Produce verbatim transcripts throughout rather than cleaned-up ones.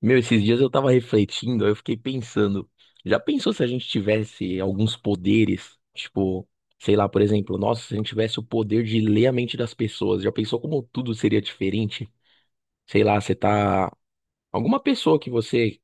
Meu, esses dias eu tava refletindo, aí eu fiquei pensando, já pensou se a gente tivesse alguns poderes? Tipo, sei lá, por exemplo, nossa, se a gente tivesse o poder de ler a mente das pessoas, já pensou como tudo seria diferente? Sei lá, você tá. Alguma pessoa que você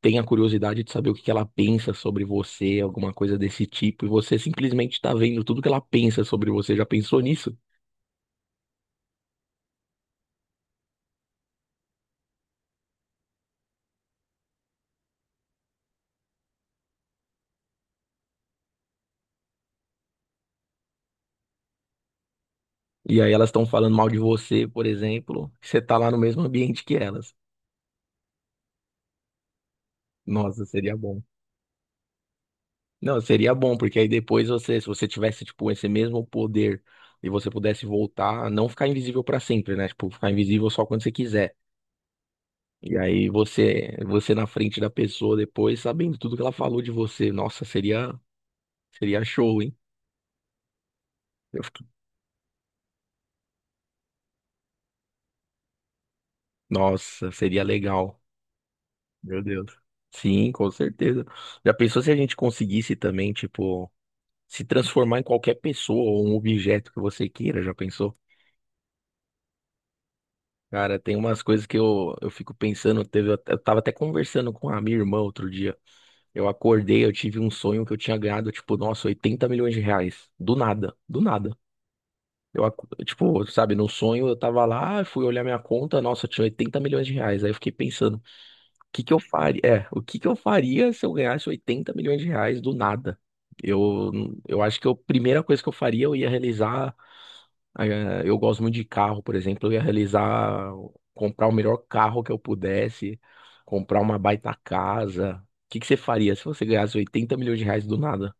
tenha curiosidade de saber o que que ela pensa sobre você, alguma coisa desse tipo, e você simplesmente tá vendo tudo que ela pensa sobre você, já pensou nisso? E aí elas estão falando mal de você, por exemplo, e você tá lá no mesmo ambiente que elas. Nossa, seria bom. Não, seria bom, porque aí depois você, se você tivesse, tipo, esse mesmo poder e você pudesse voltar, não ficar invisível pra sempre, né? Tipo, ficar invisível só quando você quiser. E aí você, você na frente da pessoa depois, sabendo tudo que ela falou de você. Nossa, seria, seria show, hein? Eu fiquei- Nossa, seria legal. Meu Deus. Sim, com certeza. Já pensou se a gente conseguisse também, tipo, se transformar em qualquer pessoa ou um objeto que você queira? Já pensou? Cara, tem umas coisas que eu, eu fico pensando, teve, eu tava até conversando com a minha irmã outro dia. Eu acordei, eu tive um sonho que eu tinha ganhado, tipo, nossa, oitenta milhões de reais. Do nada, do nada. Eu, acu- tipo, sabe, no sonho eu tava lá, fui olhar minha conta, nossa, tinha oitenta milhões de reais. Aí eu fiquei pensando, o que que eu faria? É, o que que eu faria se eu ganhasse oitenta milhões de reais do nada? Eu, eu acho que a primeira coisa que eu faria, eu ia realizar. Eh, Eu gosto muito de carro, por exemplo, eu ia realizar, comprar o melhor carro que eu pudesse, comprar uma baita casa. O que que você faria se você ganhasse oitenta milhões de reais do nada?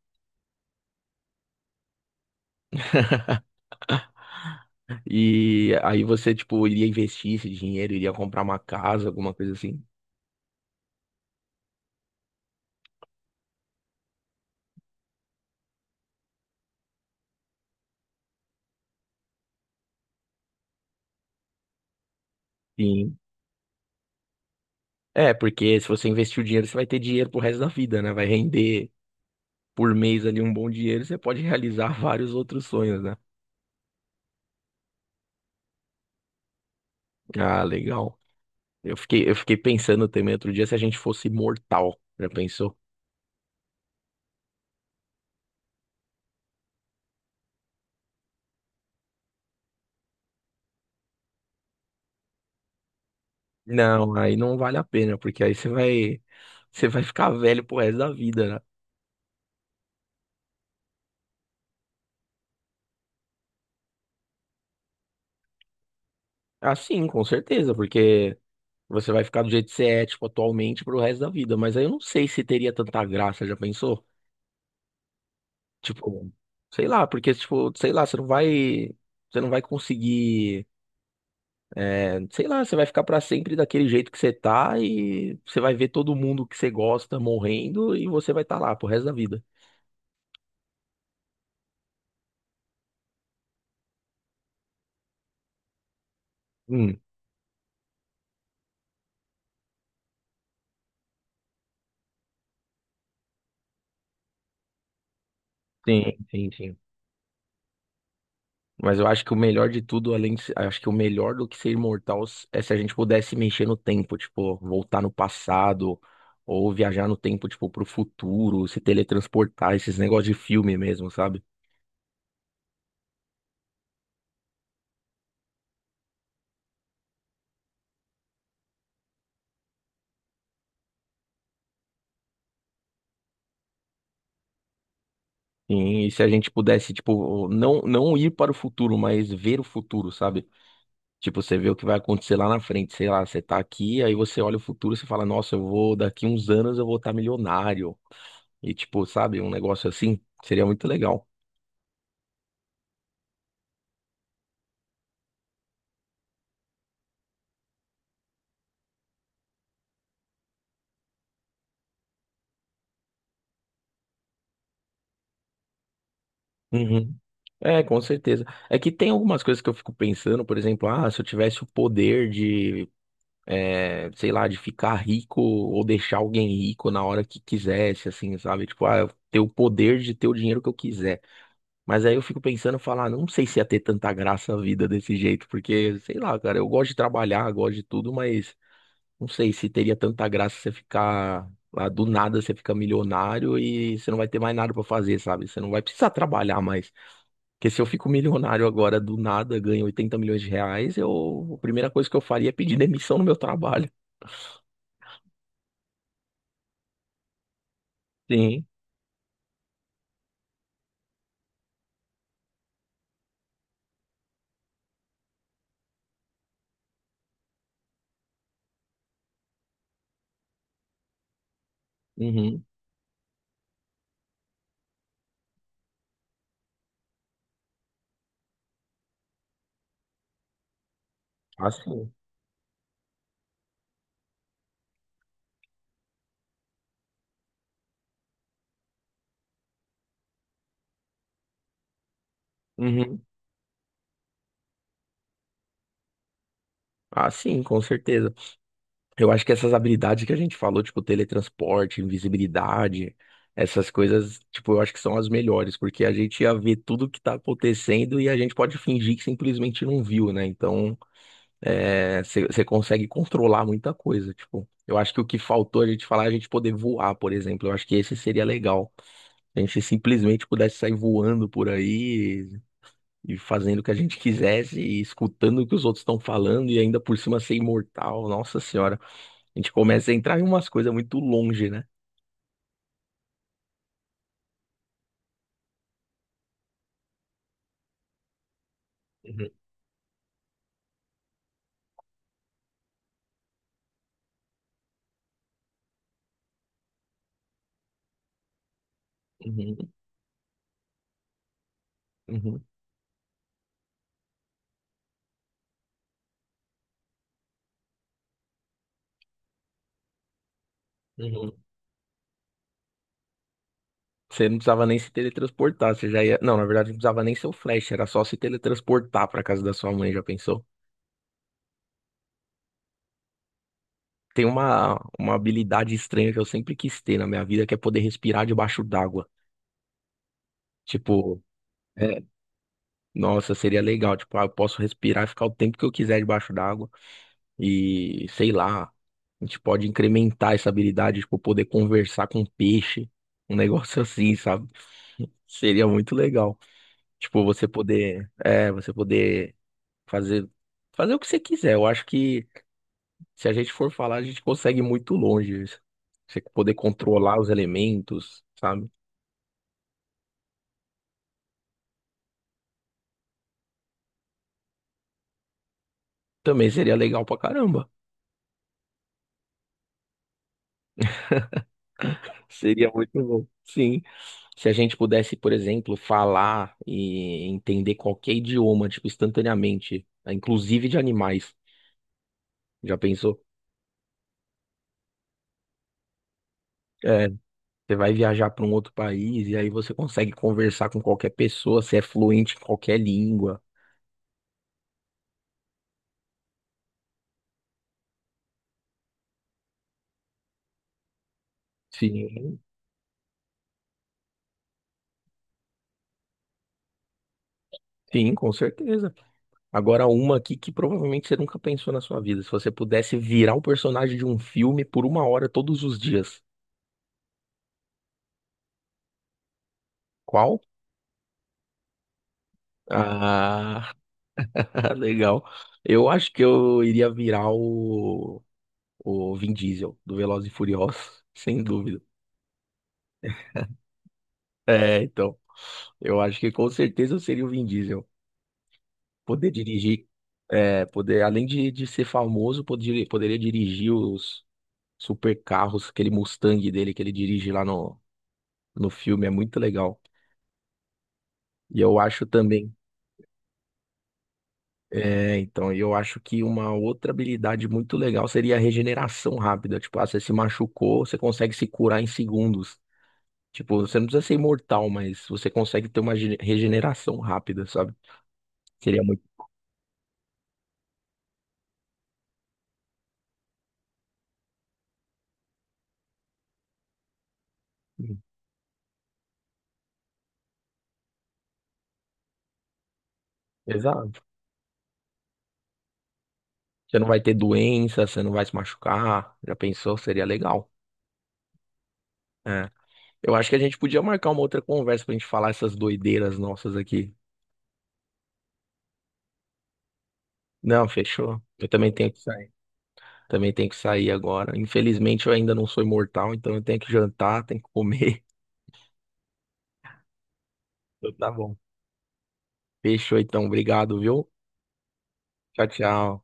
E aí você, tipo, iria investir esse dinheiro, iria comprar uma casa, alguma coisa assim. Sim. É, porque se você investir o dinheiro, você vai ter dinheiro pro resto da vida, né? Vai render por mês ali um bom dinheiro, você pode realizar vários outros sonhos, né? Ah, legal. Eu fiquei, eu fiquei pensando também outro dia se a gente fosse imortal. Já pensou? Não, aí não vale a pena, porque aí você vai, você vai ficar velho pro resto da vida, né? Assim, com certeza, porque você vai ficar do jeito que você é, tipo, atualmente pro resto da vida. Mas aí eu não sei se teria tanta graça, já pensou? Tipo, sei lá, porque, tipo, sei lá, você não vai, você não vai conseguir, é, sei lá, você vai ficar pra sempre daquele jeito que você tá e você vai ver todo mundo que você gosta morrendo e você vai estar tá lá pro resto da vida. Hum, sim, sim, sim. Mas eu acho que o melhor de tudo, além de, se- acho que o melhor do que ser imortal s- é se a gente pudesse mexer no tempo, tipo, voltar no passado ou viajar no tempo, tipo, pro futuro, se teletransportar, esses negócios de filme mesmo, sabe? Sim, e se a gente pudesse, tipo, não, não ir para o futuro, mas ver o futuro, sabe? Tipo, você vê o que vai acontecer lá na frente, sei lá, você tá aqui, aí você olha o futuro, você fala, nossa, eu vou, daqui uns anos eu vou estar milionário. E tipo, sabe, um negócio assim seria muito legal. Uhum. É, com certeza. É que tem algumas coisas que eu fico pensando, por exemplo, ah, se eu tivesse o poder de é, sei lá, de ficar rico ou deixar alguém rico na hora que quisesse, assim, sabe? Tipo, ah, eu ter o poder de ter o dinheiro que eu quiser. Mas aí eu fico pensando, falar, não sei se ia ter tanta graça a vida desse jeito, porque, sei lá, cara, eu gosto de trabalhar, gosto de tudo, mas não sei se teria tanta graça você ficar lá do nada, você fica milionário e você não vai ter mais nada pra fazer, sabe? Você não vai precisar trabalhar mais. Porque se eu fico milionário agora do nada, ganho oitenta milhões de reais, eu, a primeira coisa que eu faria é pedir demissão no meu trabalho. Sim. Uhum. Assim. Uhum. Assim, com certeza. Eu acho que essas habilidades que a gente falou, tipo teletransporte, invisibilidade, essas coisas, tipo, eu acho que são as melhores, porque a gente ia ver tudo que tá acontecendo e a gente pode fingir que simplesmente não viu, né? Então, é, você consegue controlar muita coisa, tipo. Eu acho que o que faltou a gente falar é a gente poder voar, por exemplo. Eu acho que esse seria legal. A gente simplesmente pudesse sair voando por aí, e fazendo o que a gente quisesse e escutando o que os outros estão falando e ainda por cima ser imortal. Nossa senhora, a gente começa a entrar em umas coisas muito longe, né? Uhum, uhum, uhum, uhum. Você não precisava nem se teletransportar, você já ia. Não, na verdade, não precisava nem ser o Flash, era só se teletransportar pra casa da sua mãe, já pensou? Tem uma, uma habilidade estranha que eu sempre quis ter na minha vida, que é poder respirar debaixo d'água. Tipo, é, Nossa, seria legal. Tipo, ah, eu posso respirar e ficar o tempo que eu quiser debaixo d'água. E sei lá, a gente pode incrementar essa habilidade, tipo, poder conversar com peixe, um negócio assim, sabe? Seria muito legal. Tipo, você poder, é, você poder fazer fazer o que você quiser. Eu acho que se a gente for falar, a gente consegue ir muito longe. Você poder controlar os elementos, sabe? Também seria legal pra caramba. Seria muito bom. Sim. Se a gente pudesse, por exemplo, falar e entender qualquer idioma, tipo, instantaneamente, né, inclusive de animais. Já pensou? É, você vai viajar para um outro país e aí você consegue conversar com qualquer pessoa, você é fluente em qualquer língua. Sim, sim, com certeza. Agora, uma aqui que provavelmente você nunca pensou na sua vida. Se você pudesse virar o personagem de um filme por uma hora todos os dias, qual? Ah, legal. Eu acho que eu iria virar o, o Vin Diesel do Velozes e Furiosos, sem dúvida. É, então, eu acho que com certeza eu seria o Vin Diesel. Poder dirigir, é, poder, além de, de ser famoso, poder, poderia dirigir os super carros, aquele Mustang dele que ele dirige lá no, no filme, é muito legal. E eu acho também, é, então, e eu acho que uma outra habilidade muito legal seria a regeneração rápida. Tipo, ah, você se machucou, você consegue se curar em segundos. Tipo, você não precisa ser imortal, mas você consegue ter uma gene- regeneração rápida, sabe? Seria muito. Exato. Você não vai ter doença, você não vai se machucar. Já pensou? Seria legal. É. Eu acho que a gente podia marcar uma outra conversa pra gente falar essas doideiras nossas aqui. Não, fechou. Eu também tenho que sair. Também tenho que sair agora. Infelizmente, eu ainda não sou imortal, então eu tenho que jantar, tenho que comer. Então, tá bom. Fechou, então. Obrigado, viu? Tchau, tchau.